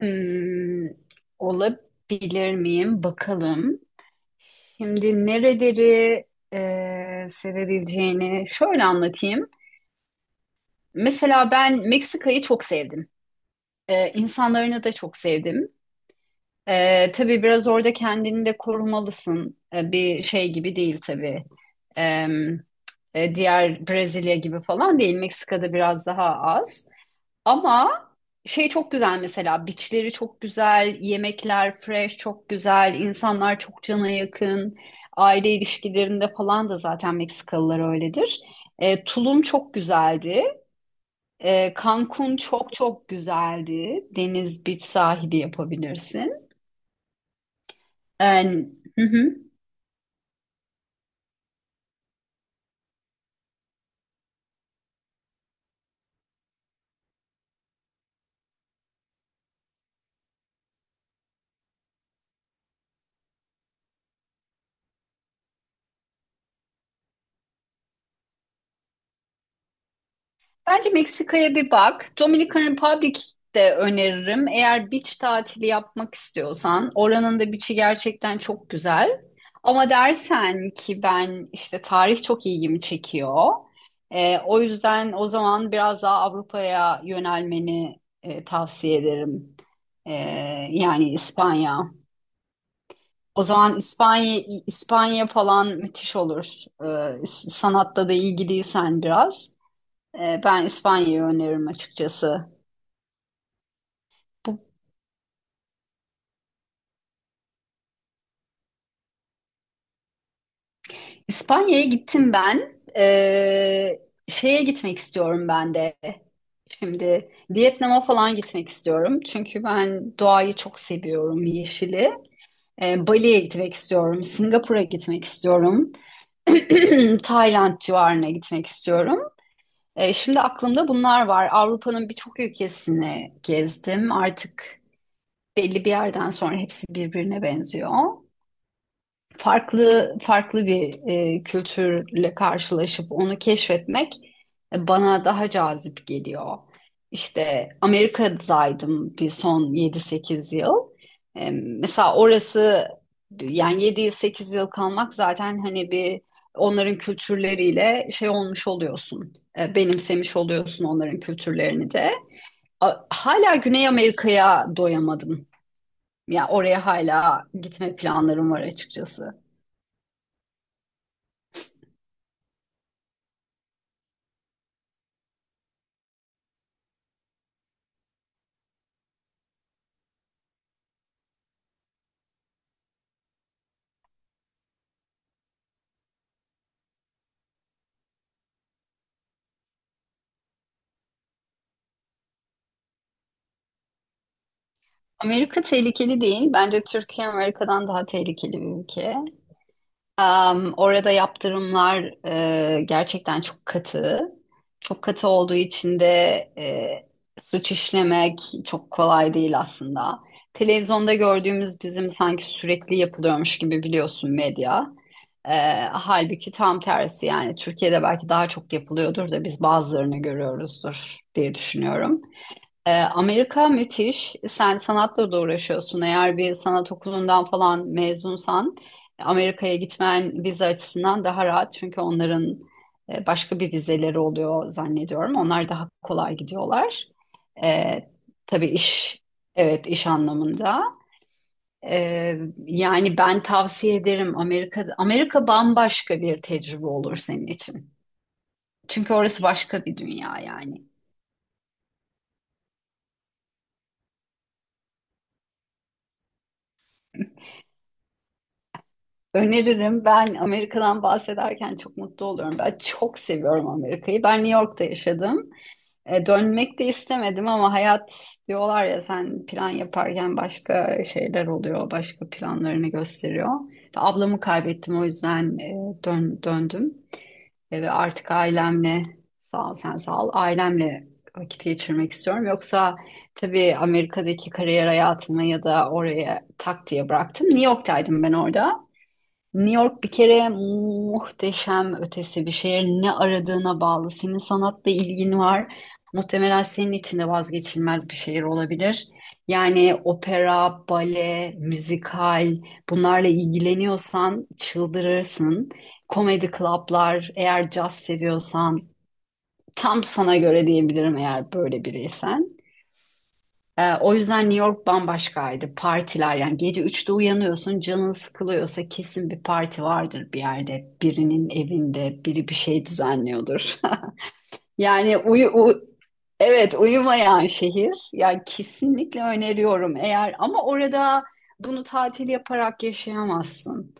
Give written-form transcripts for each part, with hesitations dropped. Hmm, olabilir miyim? Bakalım. Şimdi nereleri sevebileceğini şöyle anlatayım. Mesela ben Meksika'yı çok sevdim. E, insanlarını da çok sevdim. Tabii biraz orada kendini de korumalısın. Bir şey gibi değil tabii. E, diğer Brezilya gibi falan değil. Meksika'da biraz daha az. Ama şey çok güzel mesela beachleri çok güzel, yemekler fresh çok güzel, insanlar çok cana yakın. Aile ilişkilerinde falan da zaten Meksikalılar öyledir. Tulum çok güzeldi. Cancun çok çok güzeldi. Deniz, beach sahili yapabilirsin. E, hı hı. Bence Meksika'ya bir bak. Dominican Republic de öneririm. Eğer beach tatili yapmak istiyorsan, oranın da beach'i gerçekten çok güzel. Ama dersen ki ben işte tarih çok ilgimi çekiyor. O yüzden o zaman biraz daha Avrupa'ya yönelmeni tavsiye ederim. Ee, yani İspanya. O zaman İspanya falan müthiş olur. Sanatta da ilgiliysen biraz. Ben İspanya'yı öneririm açıkçası. Bu İspanya'ya gittim ben. Şeye gitmek istiyorum ben de. Şimdi Vietnam'a falan gitmek istiyorum. Çünkü ben doğayı çok seviyorum, yeşili. Bali'ye gitmek istiyorum. Singapur'a gitmek istiyorum. Tayland civarına gitmek istiyorum. Şimdi aklımda bunlar var. Avrupa'nın birçok ülkesini gezdim. Artık belli bir yerden sonra hepsi birbirine benziyor. Farklı farklı bir kültürle karşılaşıp onu keşfetmek bana daha cazip geliyor. İşte Amerika'daydım bir son 7-8 yıl. Mesela orası yani yedi yıl 8 yıl kalmak zaten hani bir onların kültürleriyle şey olmuş oluyorsun. Benimsemiş oluyorsun onların kültürlerini de. Hala Güney Amerika'ya doyamadım. Ya oraya hala gitme planlarım var açıkçası. Amerika tehlikeli değil. Bence Türkiye Amerika'dan daha tehlikeli bir ülke. Orada yaptırımlar gerçekten çok katı. Çok katı olduğu için de suç işlemek çok kolay değil aslında. Televizyonda gördüğümüz bizim sanki sürekli yapılıyormuş gibi biliyorsun medya. E, halbuki tam tersi yani Türkiye'de belki daha çok yapılıyordur da biz bazılarını görüyoruzdur diye düşünüyorum. Amerika müthiş. Sen sanatla da uğraşıyorsun. Eğer bir sanat okulundan falan mezunsan Amerika'ya gitmen vize açısından daha rahat. Çünkü onların başka bir vizeleri oluyor zannediyorum. Onlar daha kolay gidiyorlar. Ee, tabii iş, evet iş anlamında. Ee, yani ben tavsiye ederim Amerika. Amerika bambaşka bir tecrübe olur senin için. Çünkü orası başka bir dünya yani. Öneririm. Ben Amerika'dan bahsederken çok mutlu oluyorum. Ben çok seviyorum Amerika'yı. Ben New York'ta yaşadım. Dönmek de istemedim ama hayat diyorlar ya sen plan yaparken başka şeyler oluyor, başka planlarını gösteriyor. İşte ablamı kaybettim o yüzden döndüm. Ve artık ailemle, sağ ol sen, sağ ol, ailemle vakit geçirmek istiyorum. Yoksa tabii Amerika'daki kariyer hayatımı ya da oraya tak diye bıraktım. New York'taydım ben orada. New York bir kere muhteşem ötesi bir şehir. Ne aradığına bağlı. Senin sanatla ilgin var. Muhtemelen senin için de vazgeçilmez bir şehir olabilir. Yani opera, bale, müzikal bunlarla ilgileniyorsan çıldırırsın. Komedi klaplar, eğer caz seviyorsan tam sana göre diyebilirim eğer böyle biriysen. O yüzden New York bambaşkaydı. Partiler yani gece üçte uyanıyorsun canın sıkılıyorsa kesin bir parti vardır bir yerde. Birinin evinde biri bir şey düzenliyordur. Yani evet uyumayan şehir. Yani kesinlikle öneriyorum eğer ama orada bunu tatil yaparak yaşayamazsın.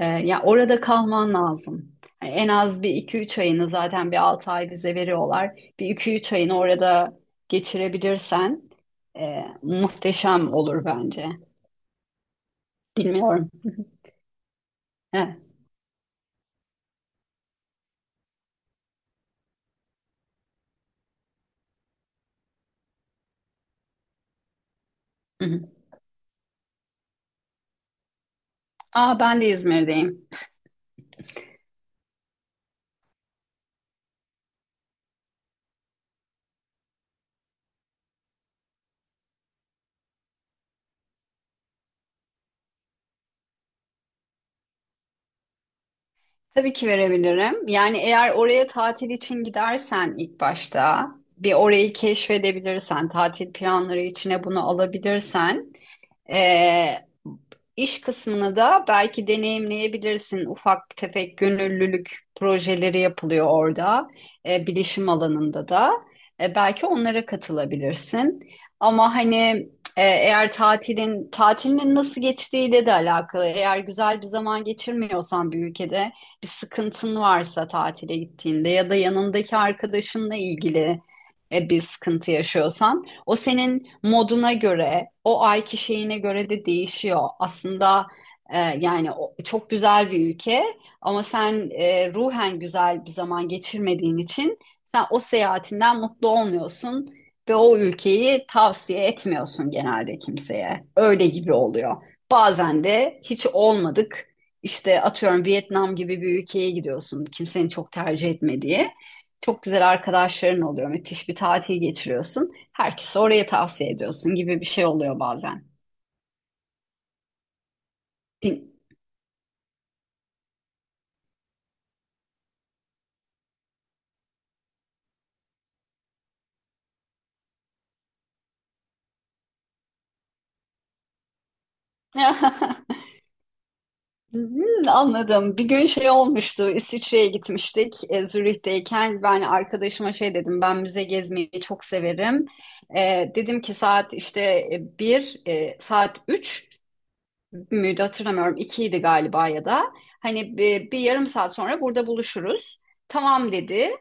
Ya orada kalman lazım. Hani en az bir iki üç ayını zaten bir 6 ay bize veriyorlar. Bir iki üç ayını orada geçirebilirsen muhteşem olur bence. Bilmiyorum. Evet. Hı hı. Aa, ben de İzmir'deyim. Tabii ki verebilirim. Yani eğer oraya tatil için gidersen ilk başta bir orayı keşfedebilirsen, tatil planları içine bunu alabilirsen Ee, iş kısmını da belki deneyimleyebilirsin. Ufak tefek gönüllülük projeleri yapılıyor orada, bilişim alanında da. Belki onlara katılabilirsin. Ama hani eğer tatilinin nasıl geçtiğiyle de alakalı. Eğer güzel bir zaman geçirmiyorsan bir ülkede bir sıkıntın varsa tatile gittiğinde ya da yanındaki arkadaşınla ilgili bir sıkıntı yaşıyorsan o senin moduna göre, o ayki şeyine göre de değişiyor. Aslında yani çok güzel bir ülke ama sen ruhen güzel bir zaman geçirmediğin için sen o seyahatinden mutlu olmuyorsun ve o ülkeyi tavsiye etmiyorsun genelde kimseye. Öyle gibi oluyor. Bazen de hiç olmadık. İşte atıyorum Vietnam gibi bir ülkeye gidiyorsun. Kimsenin çok tercih etmediği. Çok güzel arkadaşların oluyor. Müthiş bir tatil geçiriyorsun. Herkese oraya tavsiye ediyorsun gibi bir şey oluyor bazen. Hmm, anladım. Bir gün şey olmuştu. İsviçre'ye gitmiştik. Zürih'teyken ben arkadaşıma şey dedim. Ben müze gezmeyi çok severim. Dedim ki saat işte bir, saat 3. Bir müydü hatırlamıyorum. İkiydi galiba ya da. Hani bir yarım saat sonra burada buluşuruz. Tamam dedi.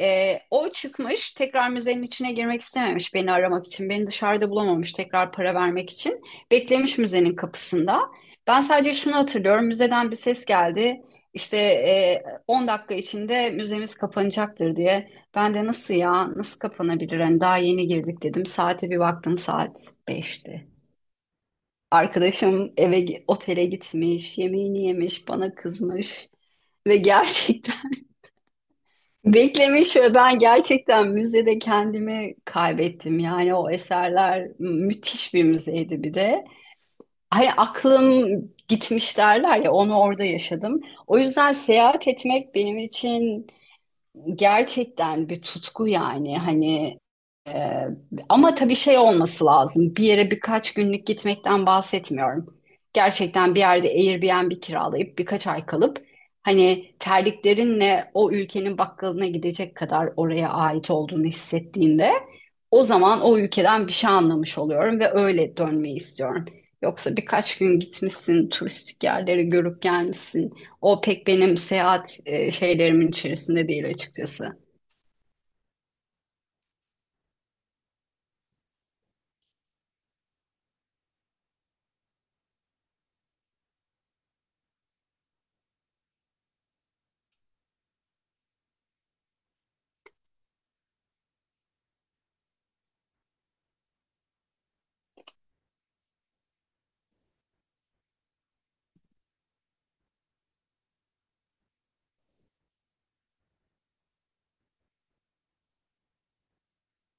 O çıkmış tekrar müzenin içine girmek istememiş beni aramak için. Beni dışarıda bulamamış tekrar para vermek için. Beklemiş müzenin kapısında. Ben sadece şunu hatırlıyorum. Müzeden bir ses geldi. İşte 10 dakika içinde müzemiz kapanacaktır diye. Ben de nasıl ya nasıl kapanabilir? Hani daha yeni girdik dedim. Saate bir baktım saat 5'ti. Arkadaşım otele gitmiş, yemeğini yemiş, bana kızmış ve gerçekten beklemiş ve ben gerçekten müzede kendimi kaybettim. Yani o eserler müthiş bir müzeydi bir de. Hani aklım gitmiş derler ya onu orada yaşadım. O yüzden seyahat etmek benim için gerçekten bir tutku yani hani ee, ama tabii şey olması lazım. Bir yere birkaç günlük gitmekten bahsetmiyorum. Gerçekten bir yerde Airbnb kiralayıp birkaç ay kalıp hani terliklerinle o ülkenin bakkalına gidecek kadar oraya ait olduğunu hissettiğinde o zaman o ülkeden bir şey anlamış oluyorum ve öyle dönmeyi istiyorum. Yoksa birkaç gün gitmişsin, turistik yerleri görüp gelmişsin. O pek benim seyahat şeylerimin içerisinde değil açıkçası.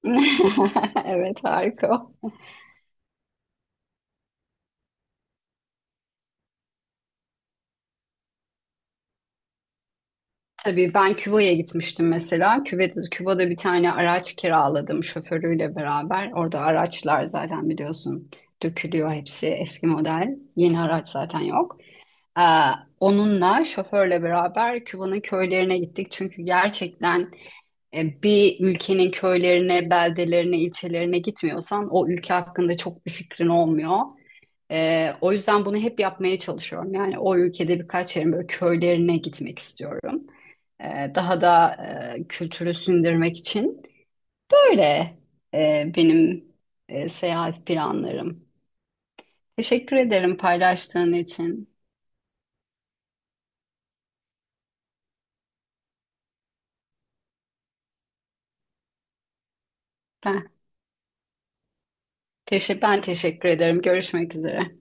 Evet, harika. Tabii ben Küba'ya gitmiştim mesela. Küba'da bir tane araç kiraladım şoförüyle beraber. Orada araçlar zaten biliyorsun dökülüyor hepsi eski model. Yeni araç zaten yok. Ee, onunla şoförle beraber Küba'nın köylerine gittik. Çünkü gerçekten bir ülkenin köylerine, beldelerine, ilçelerine gitmiyorsan o ülke hakkında çok bir fikrin olmuyor. O yüzden bunu hep yapmaya çalışıyorum. Yani o ülkede birkaç yerin böyle köylerine gitmek istiyorum daha da kültürü sindirmek için. Böyle benim seyahat planlarım. Teşekkür ederim paylaştığın için. Ben, ben teşekkür ederim. Görüşmek üzere.